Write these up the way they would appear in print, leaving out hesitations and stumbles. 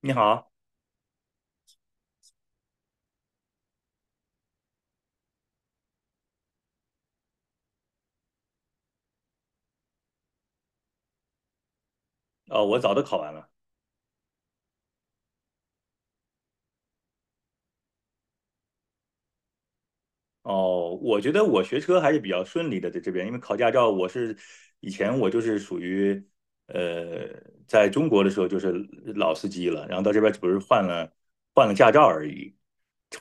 你好。我早都考完了。哦，我觉得我学车还是比较顺利的，在这边。因为考驾照，以前我就是属于，呃，在中国的时候就是老司机了，然后到这边只不过是换了驾照而已，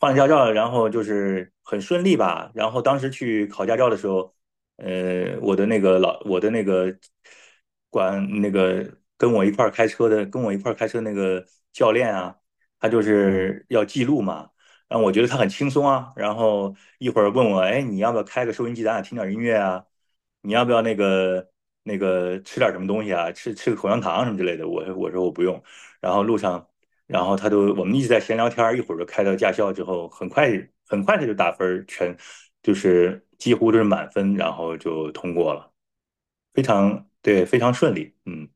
换了驾照，然后就是很顺利吧。然后当时去考驾照的时候，我的那个管那个跟我一块儿开车那个教练啊，他就是要记录嘛。让我觉得他很轻松啊。然后一会儿问我，哎，你要不要开个收音机，咱俩听点音乐啊？你要不要那个吃点什么东西啊？吃个口香糖什么之类的？我说我不用。然后路上，然后他都我们一直在闲聊天儿，一会儿就开到驾校之后，很快他就打分儿就是几乎都是满分，然后就通过了，非常对，非常顺利，嗯。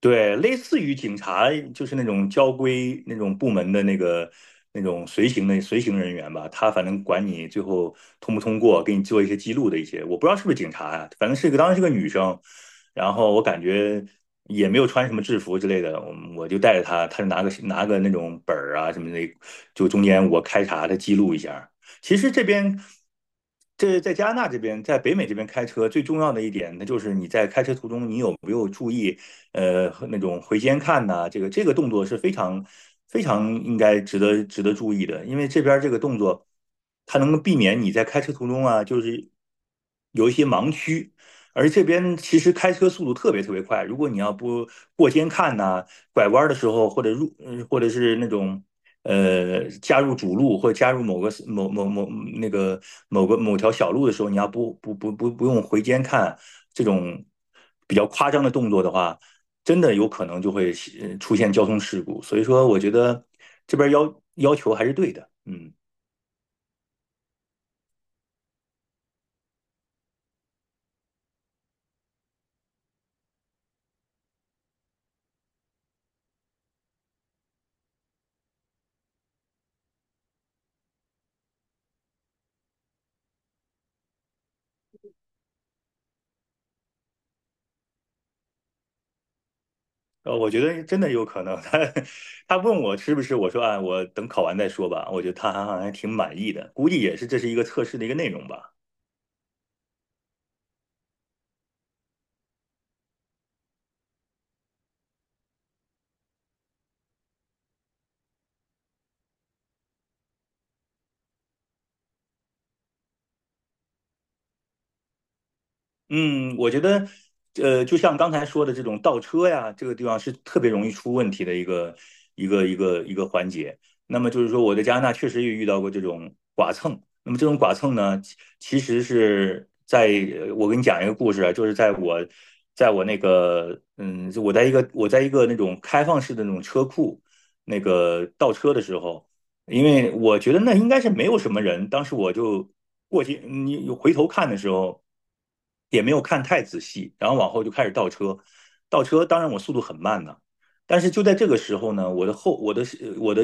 对，类似于警察，就是那种交规那种部门的那个那种随行人员吧，他反正管你最后通不通过，给你做一些记录的一些，我不知道是不是警察呀、反正当时是个女生，然后我感觉也没有穿什么制服之类的，我就带着她，她就拿个那种本儿啊什么的，就中间我开查她记录一下。其实这边，这在加拿大这边，在北美这边开车最重要的一点，那就是你在开车途中，你有意，那种回肩看呐、啊这个动作是非常非常应该值得注意的，因为这边这个动作，它能够避免你在开车途中啊，就是有一些盲区。而这边其实开车速度特别特别快，如果你要不过肩看呐、拐弯的时候或者或者是那种加入主路或者加入某个某某某嗯那个某个某条小路的时候，你要不用回肩看，这种比较夸张的动作的话，真的有可能就会出现交通事故。所以说，我觉得这边要求还是对的，嗯。我觉得真的有可能。他问我是不是，我说啊，我等考完再说吧。我觉得他还挺满意的，估计这是一个测试的一个内容吧。嗯，我觉得，就像刚才说的这种倒车呀，这个地方是特别容易出问题的一个环节。那么就是说，我在加拿大确实也遇到过这种剐蹭。那么这种剐蹭呢，其实是在呃我给你讲一个故事啊，就是在我那个我在一个那种开放式的那种车库那个倒车的时候，因为我觉得那应该是没有什么人。当时我就过去，你回头看的时候，也没有看太仔细，然后往后就开始倒车。倒车，当然我速度很慢的，但是就在这个时候呢，我的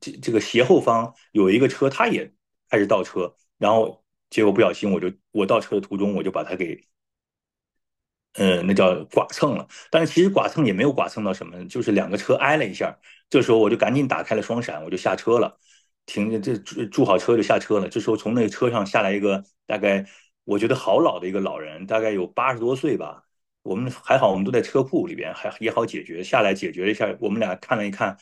这个斜后方有一个车，它也开始倒车，然后结果不小心我倒车的途中我就把它给那叫剐蹭了。但是其实剐蹭也没有剐蹭到什么，就是两个车挨了一下。这时候我就赶紧打开了双闪，我就下车了，停住好车就下车了。这时候从那个车上下来一个大概我觉得好老的一个老人，大概有80多岁吧。我们还好，我们都在车库里边，还也好解决。下来解决了一下，我们俩看了一看，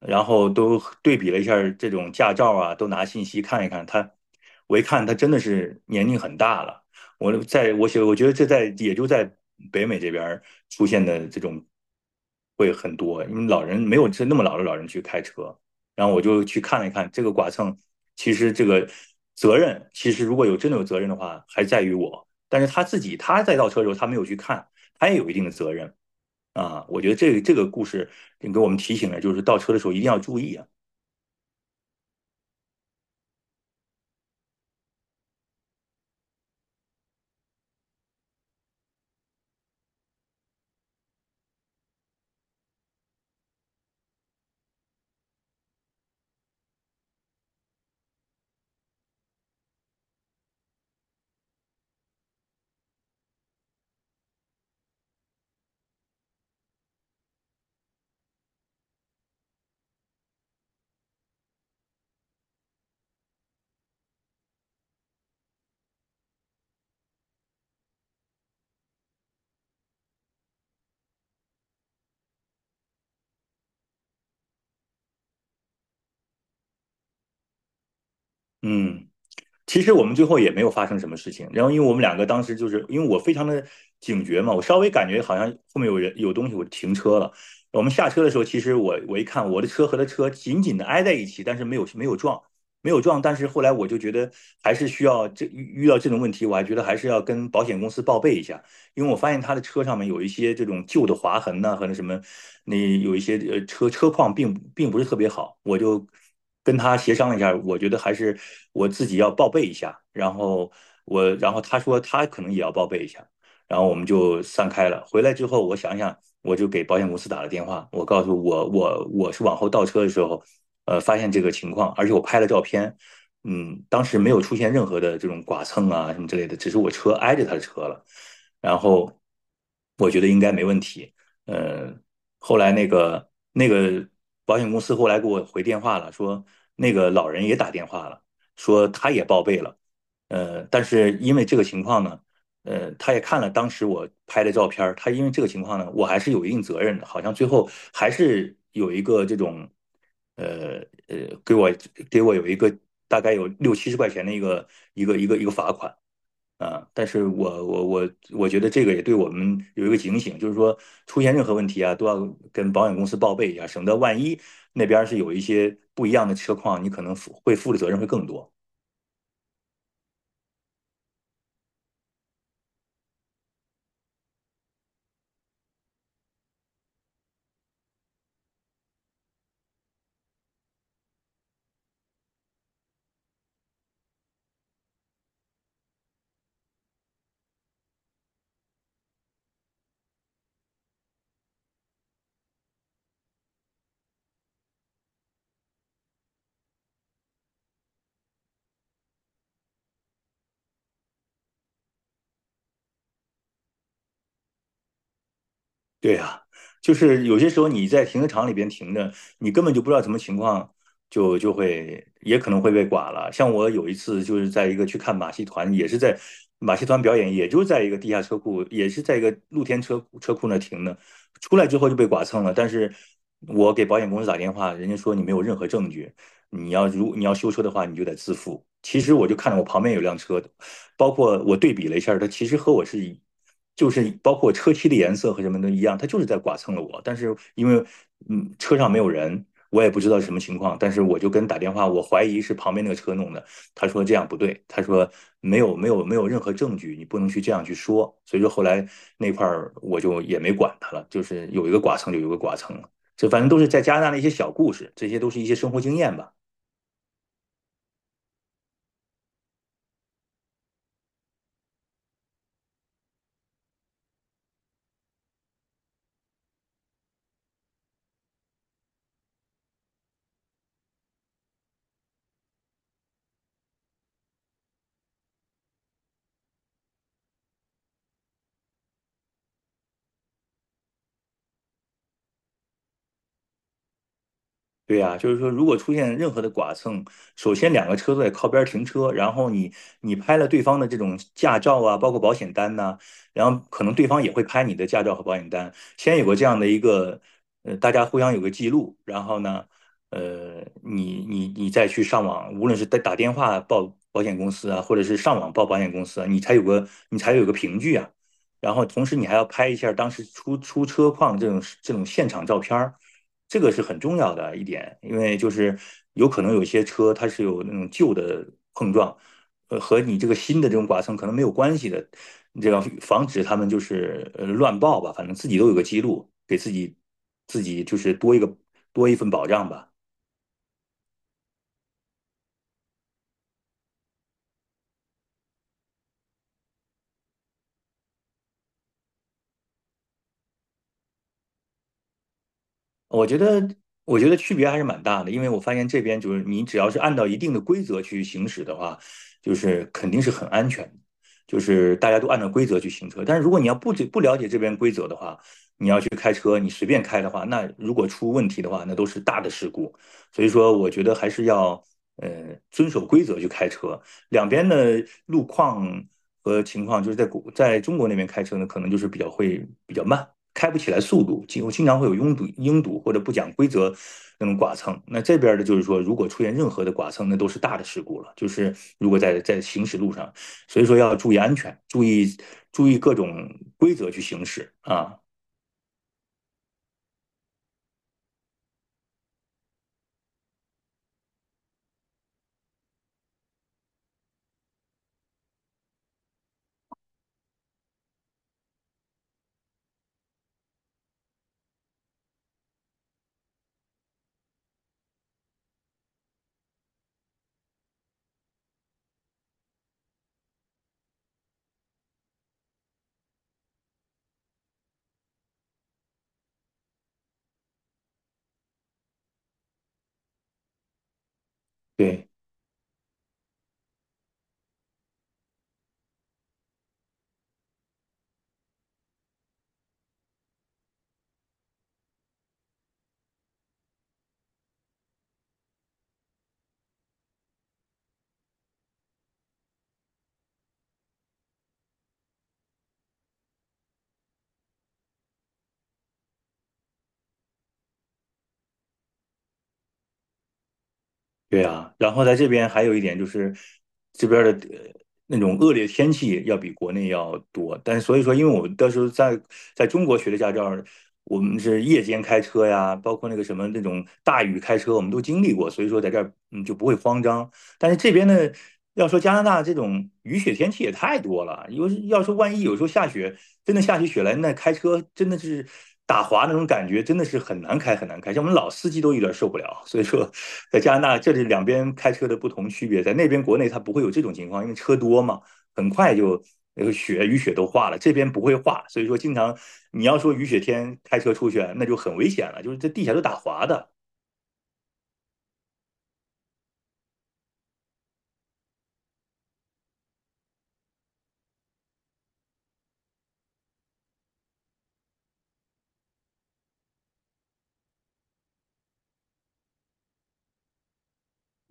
然后都对比了一下这种驾照啊，都拿信息看一看。我一看他真的是年龄很大了。我觉得也就在北美这边出现的这种会很多，因为老人没有那么老的老人去开车，然后我就去看了一看这个剐蹭，其实这个责任其实如果真的有责任的话，还在于我，但是他自己他在倒车的时候他没有去看，他也有一定的责任啊。我觉得这个故事给我们提醒了，就是倒车的时候一定要注意啊。嗯，其实我们最后也没有发生什么事情。然后，因为我们两个当时就是因为我非常的警觉嘛，我稍微感觉好像后面有人有东西，我停车了。我们下车的时候，其实我一看，我的车和他车紧紧的挨在一起，但是没有撞，没有撞。但是后来我就觉得还是需要遇到这种问题，我还觉得还是要跟保险公司报备一下。因为我发现他的车上面有一些这种旧的划痕呐、和那什么，那有一些车况并不是特别好，我就跟他协商了一下，我觉得还是我自己要报备一下，然后他说他可能也要报备一下，然后我们就散开了。回来之后，我想想，我就给保险公司打了电话，我告诉我是往后倒车的时候，发现这个情况，而且我拍了照片，当时没有出现任何的这种剐蹭啊什么之类的，只是我车挨着他的车了。然后我觉得应该没问题。呃，后来那个保险公司后来给我回电话了，说那个老人也打电话了，说他也报备了。但是因为这个情况呢，他也看了当时我拍的照片儿，他因为这个情况呢，我还是有一定责任的，好像最后还是有一个这种，呃呃，给我给我有一个大概有六七十块钱的一个罚款。啊，但是我觉得这个也对我们有一个警醒，就是说出现任何问题啊，都要跟保险公司报备一下，省得万一那边儿是有一些不一样的车况，你可能会负的责任会更多。对呀，就是有些时候你在停车场里边停着，你根本就不知道什么情况，就会也可能会被剐了。像我有一次就是在一个去看马戏团，也是在马戏团表演，也就在一个地下车库，也是在一个露天车库那停的，出来之后就被剐蹭了。但是我给保险公司打电话，人家说你没有任何证据，你要修车的话，你就得自负。其实我就看着我旁边有辆车，包括我对比了一下，它其实和我就是包括车漆的颜色和什么都一样，它就是在剐蹭了我。但是因为车上没有人，我也不知道什么情况，但是我就跟打电话，我怀疑是旁边那个车弄的。他说这样不对，他说没有任何证据，你不能去这样去说。所以说后来那块儿我就也没管他了，就是有一个剐蹭就有一个剐蹭了。这反正都是在加拿大的一些小故事，这些都是一些生活经验吧。对呀，就是说，如果出现任何的剐蹭，首先两个车都得靠边儿停车，然后你拍了对方的这种驾照啊，包括保险单呐、然后可能对方也会拍你的驾照和保险单，先有个这样的一个，大家互相有个记录，然后呢，你再去上网，无论是打电话报保险公司啊，或者是上网报保险公司啊，你才有个凭据啊，然后同时你还要拍一下当时出车况这种现场照片儿。这个是很重要的一点，因为就是有可能有些车它是有那种旧的碰撞，和你这个新的这种剐蹭可能没有关系的，这样防止他们就是乱报吧，反正自己都有个记录，给自己就是多一个多一份保障吧。我觉得我觉得区别还是蛮大的，因为我发现这边就是你只要是按照一定的规则去行驶的话，就是肯定是很安全的，就是大家都按照规则去行车。但是如果你要不了解这边规则的话，开车你随便开的话，那如果出问题的话，那都是大的事故。所以说，我觉得还是要呃遵守规则去开车。两边的路况和情况，就是在中国那边开车呢，可能比较慢，开不起来速度，经常会有拥堵、拥堵或者不讲规则那种剐蹭。那这边的就是说，如果出现任何的剐蹭，那都是大的事故了。就是如果在行驶路上，所以说要注意安全，注意各种规则去行驶啊。对。对啊，然后在这边还有一点就是，这边儿的那种恶劣天气要比国内要多，但是所以说，因为我到时候在中国学的驾照儿，我们是夜间开车呀，包括那个什么那种大雨开车，我们都经历过，所以说在这儿嗯就不会慌张。但是这边呢，要说加拿大这种雨雪天气也太多了，因为要说万一有时候下雪，真的下起雪来，那开车真的是打滑那种感觉，真的是很难开，像我们老司机都有点受不了。所以说，在加拿大这里两边开车的不同区别，在那边国内它不会有这种情况，因为车多嘛，很快就那个雨雪都化了，这边不会化，所以说经常你要说雨雪天开车出去，那就很危险了，就是这地下都打滑的。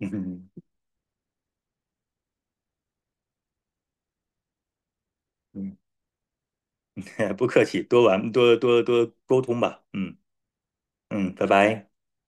嗯嗯 不客气，多玩多沟通吧。嗯嗯，拜拜。